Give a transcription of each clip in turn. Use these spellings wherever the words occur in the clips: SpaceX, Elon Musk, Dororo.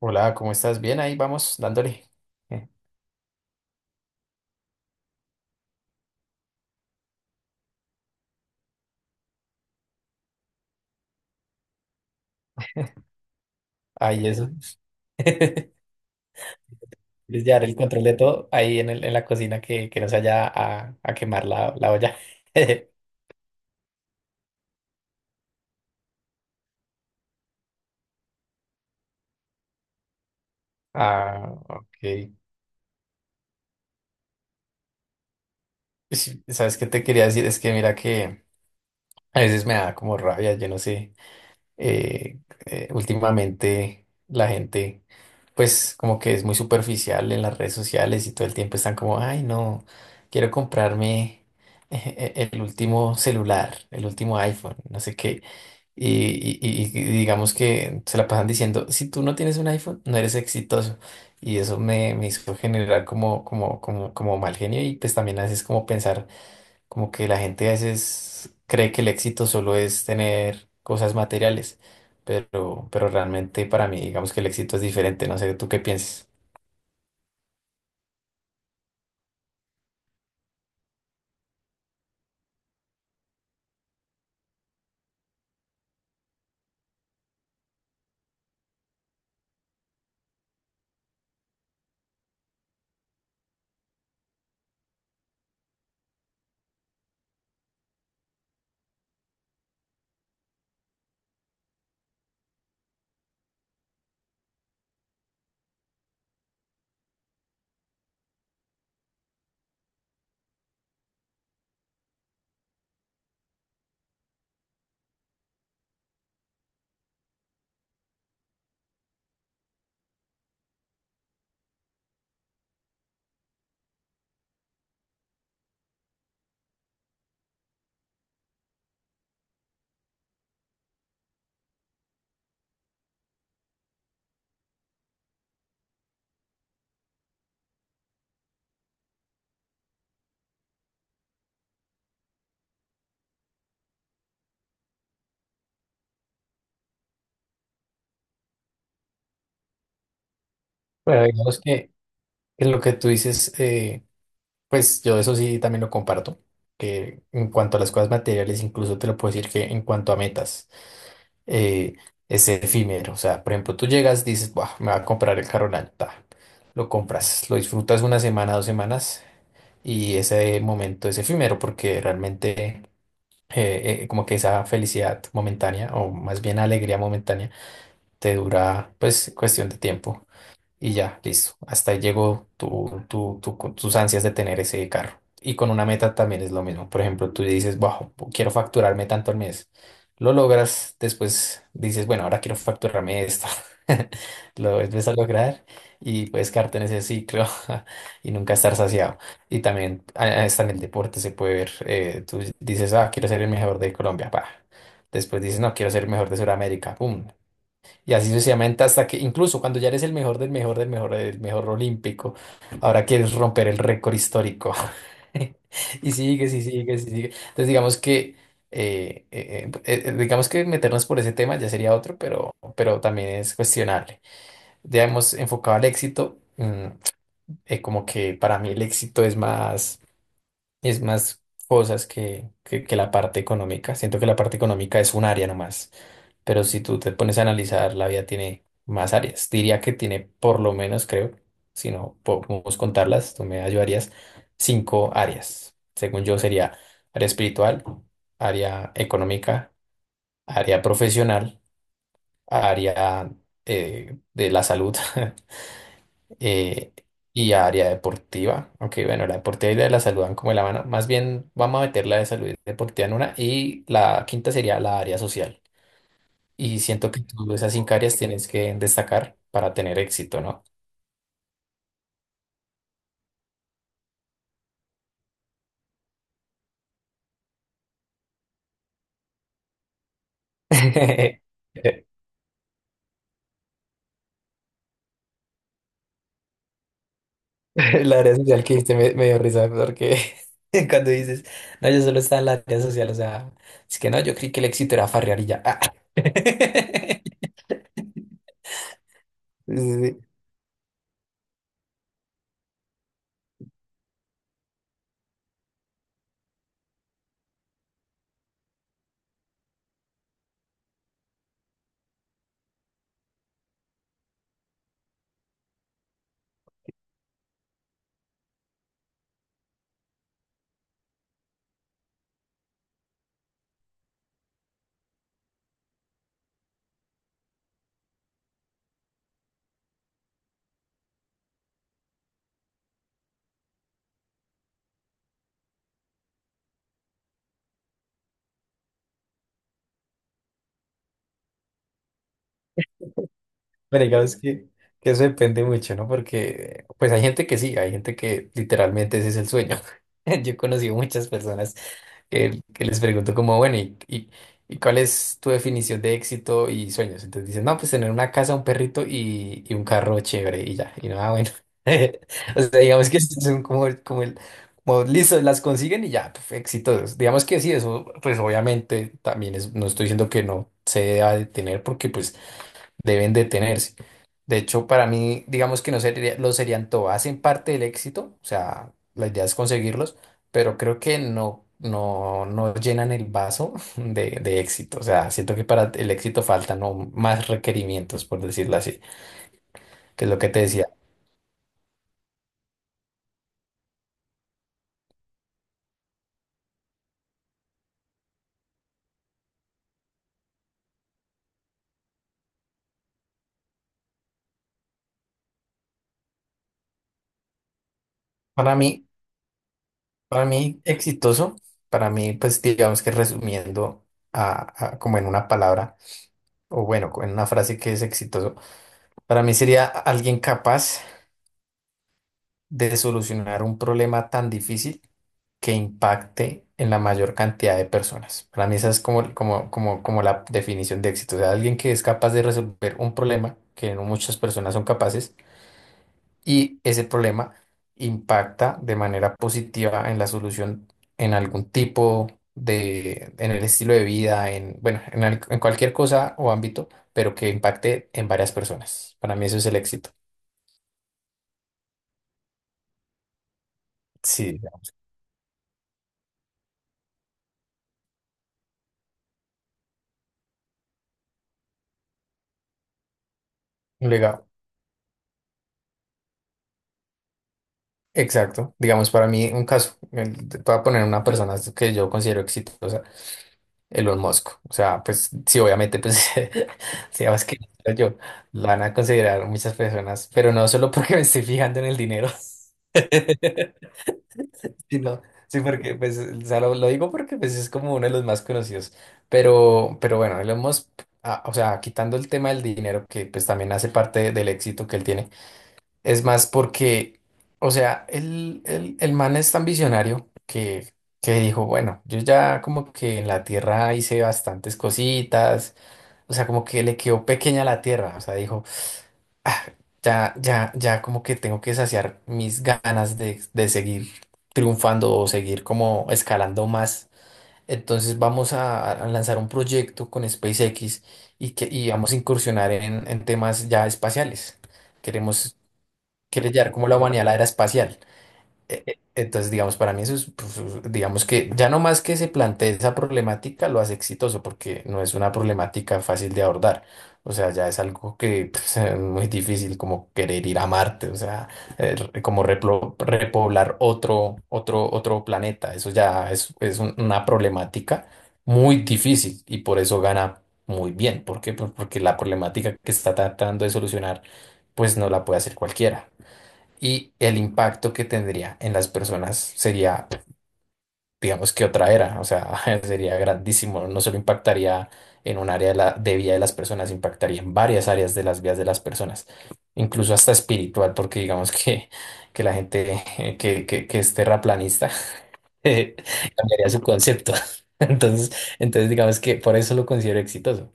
Hola, ¿cómo estás? Bien, ahí vamos dándole. Eh, Ahí eso. Es llevar el control de todo ahí en la cocina que no se vaya a quemar la olla. Ah, ok. Sí, ¿sabes qué te quería decir? Es que mira que a veces me da como rabia, yo no sé. eh, Últimamente la gente pues como que es muy superficial en las redes sociales y todo el tiempo están como, ay, no, quiero comprarme, el último celular, el último iPhone, no sé qué. Y digamos que se la pasan diciendo, si tú no tienes un iPhone, no eres exitoso. Y eso me hizo generar como mal genio, y pues también a veces como pensar. Como que la gente a veces cree que el éxito solo es tener cosas materiales, pero realmente para mí, digamos que el éxito es diferente. No sé, ¿tú qué piensas? Bueno, digamos que en lo que tú dices, pues yo eso sí también lo comparto, que en cuanto a las cosas materiales, incluso te lo puedo decir que en cuanto a metas, eh, es efímero. O sea, por ejemplo, tú llegas, dices, "Buah, me va a comprar el carro del año", ta, lo compras, lo disfrutas una semana, dos semanas, y ese momento es efímero porque realmente como que esa felicidad momentánea, o más bien alegría momentánea, te dura pues cuestión de tiempo. Y ya, listo. Hasta ahí llegó con tus ansias de tener ese carro. Y con una meta también es lo mismo. Por ejemplo, tú dices, wow, quiero facturarme tanto al mes. Lo logras, después dices, bueno, ahora quiero facturarme esto. Lo vuelves a lograr y puedes quedarte en ese ciclo y nunca estar saciado. Y también hasta en el deporte se puede ver. Tú dices, ah, quiero ser el mejor de Colombia. Pa. Después dices, no, quiero ser el mejor de Sudamérica. Pum. Y así sucesivamente, hasta que incluso cuando ya eres el mejor del mejor del mejor del mejor olímpico, ahora quieres romper el récord histórico. Y sigue y sigue y sigue. Entonces digamos que meternos por ese tema ya sería otro, pero también es cuestionable. Ya hemos enfocado al éxito. Como que para mí el éxito es más, es más cosas que la parte económica. Siento que la parte económica es un área nomás, pero si tú te pones a analizar, la vida tiene más áreas. Diría que tiene por lo menos, creo, si no podemos contarlas, tú me ayudarías, 5 áreas. Según yo sería área espiritual, área económica, área profesional, área de la salud, eh, y área deportiva. Aunque bueno, la deportiva y la de la salud van como de la mano. Más bien vamos a meter la de salud y deportiva en una, y la quinta sería la área social. Y siento que tú esas 5 áreas tienes que destacar para tener éxito, ¿no? La área social que dijiste me, me dio risa, porque cuando dices, no, yo solo estaba en la área social, o sea, es que no, yo creí que el éxito era farrear y ya. Ah. Sí, sí, sí. Bueno, digamos que eso depende mucho, ¿no? Porque pues hay gente que sí, hay gente que literalmente ese es el sueño. Yo he conocido muchas personas que les pregunto como, bueno, ¿ y cuál es tu definición de éxito y sueños? Entonces dicen, no, pues tener una casa, un perrito y un carro chévere y ya. Y no, ah, bueno. O sea, digamos que son como, como como listo, las consiguen y ya, puf, exitosos. Digamos que sí, eso pues obviamente también es, no estoy diciendo que no se deba de tener, porque pues deben detenerse, de hecho, para mí, digamos que no sería, lo serían todo. Hacen parte del éxito, o sea, la idea es conseguirlos, pero creo que no llenan el vaso de éxito. O sea, siento que para el éxito faltan no más requerimientos, por decirlo así, que es lo que te decía. Para mí, exitoso, para mí, pues digamos que resumiendo como en una palabra, o bueno, en una frase, que es exitoso, para mí sería alguien capaz de solucionar un problema tan difícil que impacte en la mayor cantidad de personas. Para mí esa es como la definición de éxito. O sea, alguien que es capaz de resolver un problema que no muchas personas son capaces, y ese problema impacta de manera positiva en la solución, en algún tipo de, en el estilo de vida, en, bueno, en, en cualquier cosa o ámbito, pero que impacte en varias personas. Para mí eso es el éxito. Sí, un legado. Exacto. Digamos, para mí, un caso, te voy a poner una persona que yo considero exitosa, Elon Musk. O sea, pues sí, obviamente, pues, digamos que yo, lo van a considerar muchas personas, pero no solo porque me estoy fijando en el dinero, sino, sí, porque, pues, o sea, lo digo porque, pues, es como uno de los más conocidos. Pero bueno, Elon Musk, ah, o sea, quitando el tema del dinero, que, pues, también hace parte del éxito que él tiene. Es más porque, o sea, el man es tan visionario que dijo, bueno, yo ya como que en la Tierra hice bastantes cositas, o sea, como que le quedó pequeña la Tierra, o sea, dijo, "Ah, ya como que tengo que saciar mis ganas de seguir triunfando, o seguir como escalando más. Entonces vamos a lanzar un proyecto con SpaceX y vamos a incursionar en temas ya espaciales. Queremos Quiere llevar como la humanidad a la era espacial. Entonces, digamos, para mí eso es, pues, digamos que ya no más que se plantee esa problemática, lo hace exitoso, porque no es una problemática fácil de abordar. O sea, ya es algo que pues, es muy difícil, como querer ir a Marte, o sea, como repoblar otro planeta. Eso ya es una problemática muy difícil, y por eso gana muy bien. ¿Por qué? Pues porque la problemática que está tratando de solucionar pues no la puede hacer cualquiera, y el impacto que tendría en las personas sería, digamos que otra era, o sea, sería grandísimo, no solo impactaría en un área de vida de las personas, impactaría en varias áreas de las vidas de las personas, incluso hasta espiritual, porque digamos que la gente que es terraplanista, eh, cambiaría su concepto. Entonces, entonces, digamos que por eso lo considero exitoso.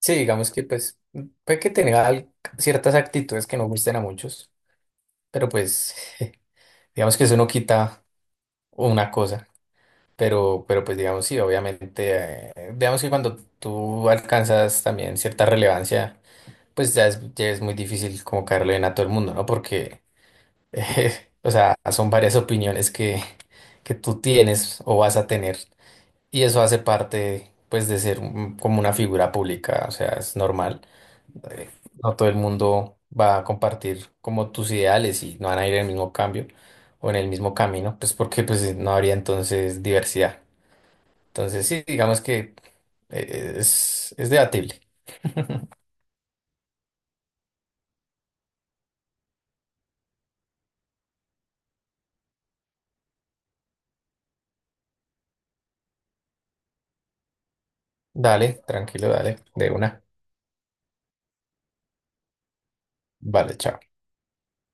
Sí, digamos que pues puede que tenga ciertas actitudes que no gusten a muchos, pero pues... Digamos que eso no quita una cosa, pero pues digamos sí, obviamente, digamos que cuando tú alcanzas también cierta relevancia, pues ya es muy difícil como caerle bien a todo el mundo, ¿no? Porque, o sea, son varias opiniones que tú tienes o vas a tener, y eso hace parte, pues, de ser como una figura pública, o sea, es normal. eh, no todo el mundo va a compartir como tus ideales, y no van a ir en el mismo cambio o en el mismo camino, pues porque pues no habría entonces diversidad. Entonces sí, digamos que es debatible. Dale, tranquilo, dale, de una. Vale, chao.